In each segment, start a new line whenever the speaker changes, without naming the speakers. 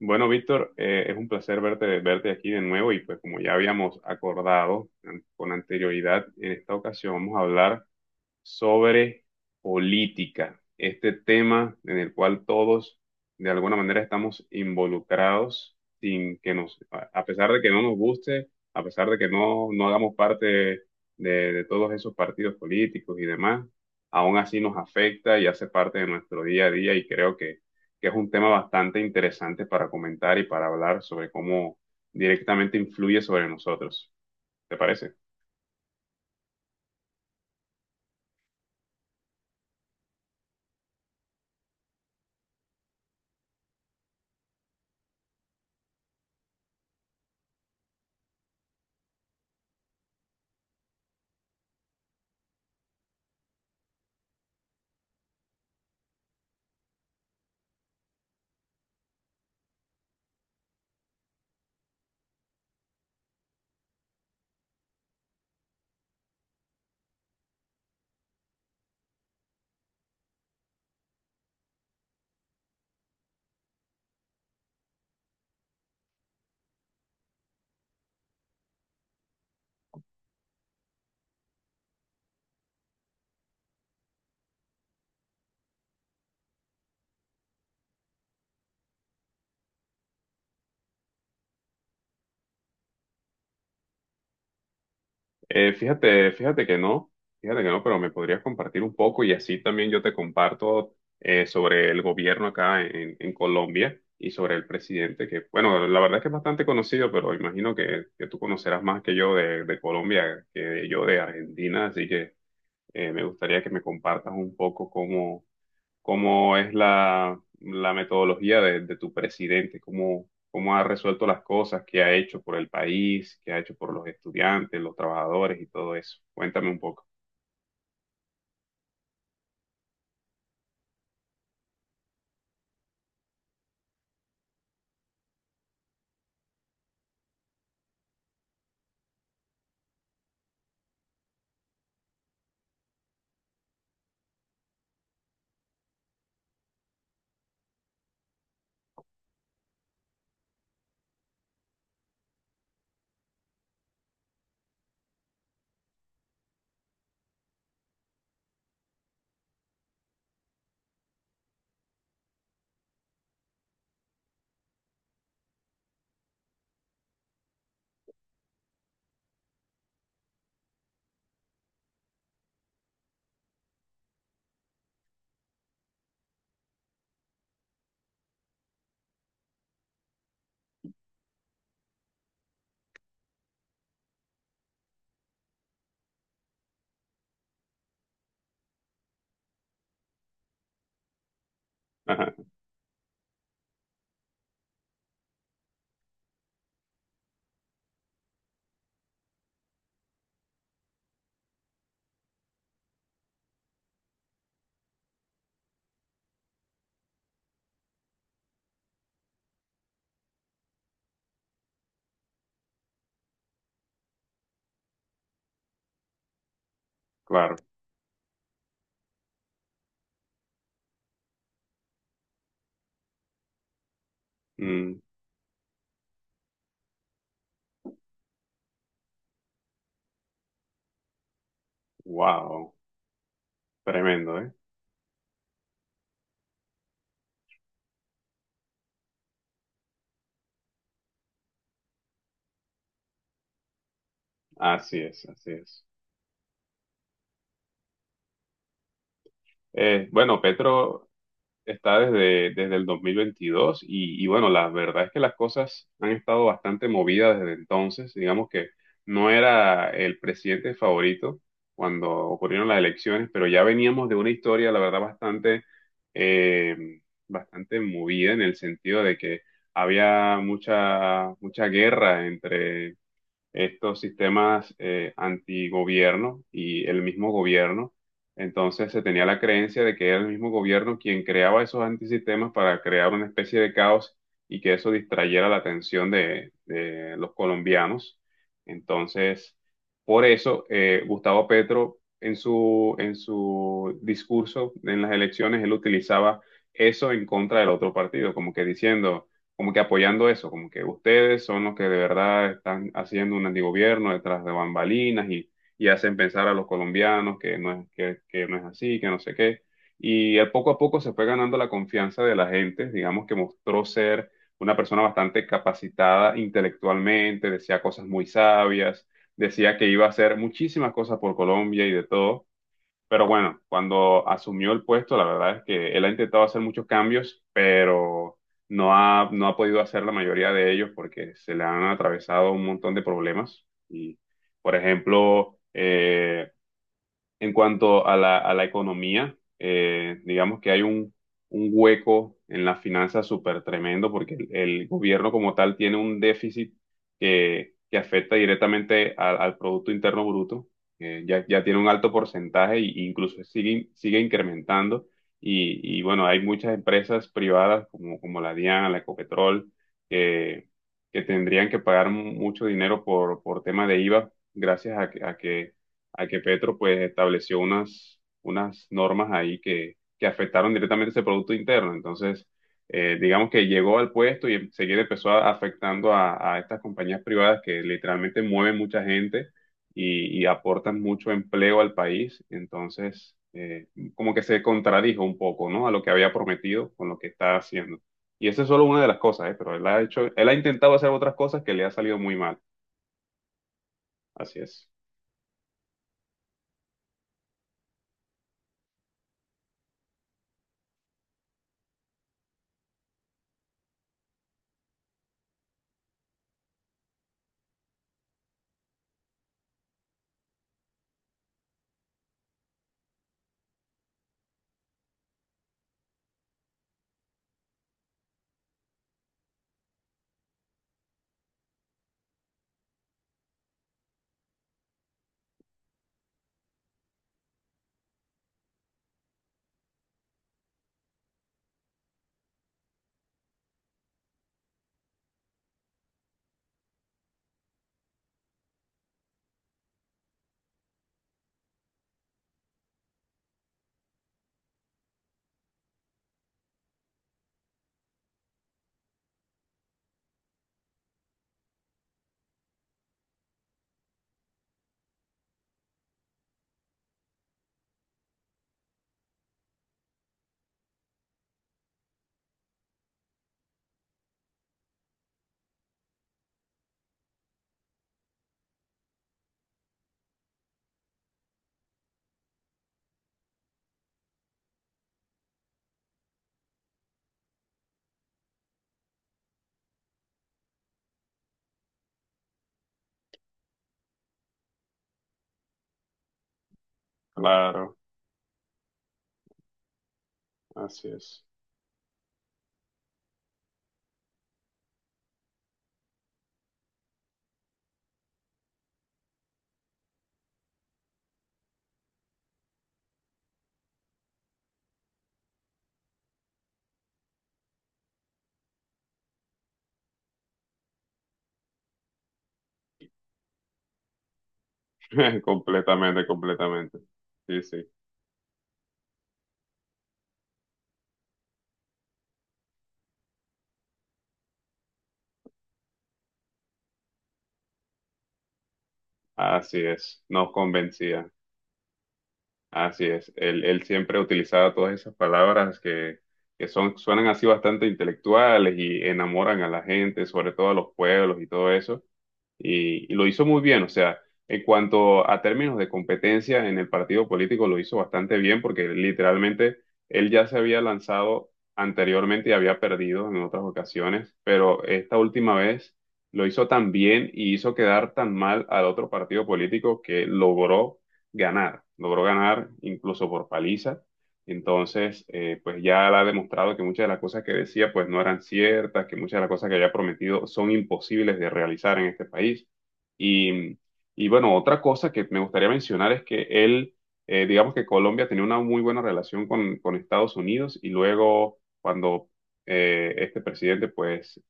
Bueno, Víctor, es un placer verte, verte aquí de nuevo y pues como ya habíamos acordado con anterioridad, en esta ocasión vamos a hablar sobre política, este tema en el cual todos de alguna manera estamos involucrados sin que nos, a pesar de que no nos guste, a pesar de que no hagamos parte de todos esos partidos políticos y demás, aún así nos afecta y hace parte de nuestro día a día y creo que es un tema bastante interesante para comentar y para hablar sobre cómo directamente influye sobre nosotros. ¿Te parece? Fíjate, fíjate que no, pero me podrías compartir un poco y así también yo te comparto sobre el gobierno acá en Colombia y sobre el presidente, que bueno, la verdad es que es bastante conocido, pero imagino que tú conocerás más que yo de Colombia que yo de Argentina, así que me gustaría que me compartas un poco cómo cómo es la metodología de tu presidente, cómo, cómo ha resuelto las cosas, qué ha hecho por el país, qué ha hecho por los estudiantes, los trabajadores y todo eso. Cuéntame un poco. Claro. Mm, wow. Tremendo, ¿eh? Así es, así es. Bueno, Petro está desde, desde el 2022 y bueno, la verdad es que las cosas han estado bastante movidas desde entonces. Digamos que no era el presidente favorito cuando ocurrieron las elecciones, pero ya veníamos de una historia, la verdad, bastante, eh, bastante movida en el sentido de que había mucha, mucha guerra entre estos sistemas antigobierno y el mismo gobierno. Entonces se tenía la creencia de que era el mismo gobierno quien creaba esos antisistemas para crear una especie de caos y que eso distrayera la atención de los colombianos. Entonces, por eso Gustavo Petro en en su discurso en las elecciones, él utilizaba eso en contra del otro partido, como que diciendo como que apoyando eso, como que ustedes son los que de verdad están haciendo un antigobierno detrás de bambalinas y hacen pensar a los colombianos que no es así, que no sé qué. Y él poco a poco se fue ganando la confianza de la gente, digamos que mostró ser una persona bastante capacitada intelectualmente, decía cosas muy sabias, decía que iba a hacer muchísimas cosas por Colombia y de todo. Pero bueno, cuando asumió el puesto, la verdad es que él ha intentado hacer muchos cambios, pero no ha podido hacer la mayoría de ellos porque se le han atravesado un montón de problemas. Y, por ejemplo, en cuanto a a la economía, digamos que hay un hueco en las finanzas súper tremendo porque el gobierno como tal tiene un déficit que afecta directamente al Producto Interno Bruto. Ya tiene un alto porcentaje e incluso sigue, sigue incrementando. Y bueno, hay muchas empresas privadas como la DIAN, la Ecopetrol, que, que tendrían que pagar mucho dinero por tema de IVA gracias a que Petro pues estableció unas, unas normas ahí que afectaron directamente ese Producto Interno. Entonces, digamos que llegó al puesto y enseguida afectando a estas compañías privadas que literalmente mueven mucha gente y aportan mucho empleo al país. Entonces, como que se contradijo un poco, ¿no? A lo que había prometido con lo que está haciendo. Y esa es solo una de las cosas, ¿eh? Pero él ha hecho, él ha intentado hacer otras cosas que le ha salido muy mal. Así es. Claro, así es. Completamente, completamente. Sí, sí, así es, nos convencía, así es. Él siempre utilizaba todas esas palabras que son, suenan así bastante intelectuales y enamoran a la gente, sobre todo a los pueblos y todo eso, y lo hizo muy bien. O sea, en cuanto a términos de competencia en el partido político, lo hizo bastante bien porque literalmente él ya se había lanzado anteriormente y había perdido en otras ocasiones, pero esta última vez lo hizo tan bien y hizo quedar tan mal al otro partido político que logró ganar incluso por paliza. Entonces, pues ya él ha demostrado que muchas de las cosas que decía pues no eran ciertas, que muchas de las cosas que había prometido son imposibles de realizar en este país. Y, y bueno, otra cosa que me gustaría mencionar es que él, digamos que Colombia tenía una muy buena relación con Estados Unidos y luego cuando este presidente pues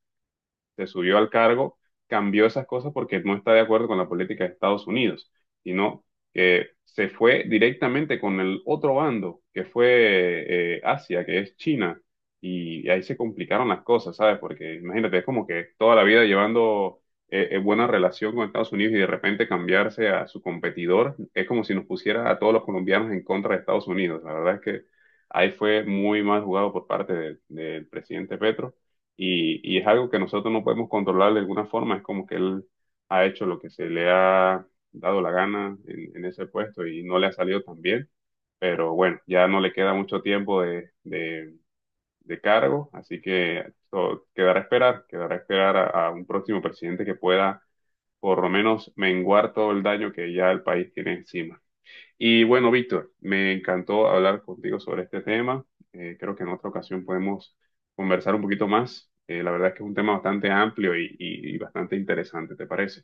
se subió al cargo, cambió esas cosas porque no está de acuerdo con la política de Estados Unidos, sino que se fue directamente con el otro bando, que fue Asia, que es China, y ahí se complicaron las cosas, ¿sabes? Porque imagínate, es como que toda la vida llevando buena relación con Estados Unidos y de repente cambiarse a su competidor, es como si nos pusiera a todos los colombianos en contra de Estados Unidos. La verdad es que ahí fue muy mal jugado por parte del presidente Petro y es algo que nosotros no podemos controlar de alguna forma, es como que él ha hecho lo que se le ha dado la gana en ese puesto y no le ha salido tan bien, pero bueno, ya no le queda mucho tiempo de cargo, así que quedará a esperar a un próximo presidente que pueda por lo menos menguar todo el daño que ya el país tiene encima. Y bueno, Víctor, me encantó hablar contigo sobre este tema. Creo que en otra ocasión podemos conversar un poquito más. La verdad es que es un tema bastante amplio y, y bastante interesante, ¿te parece?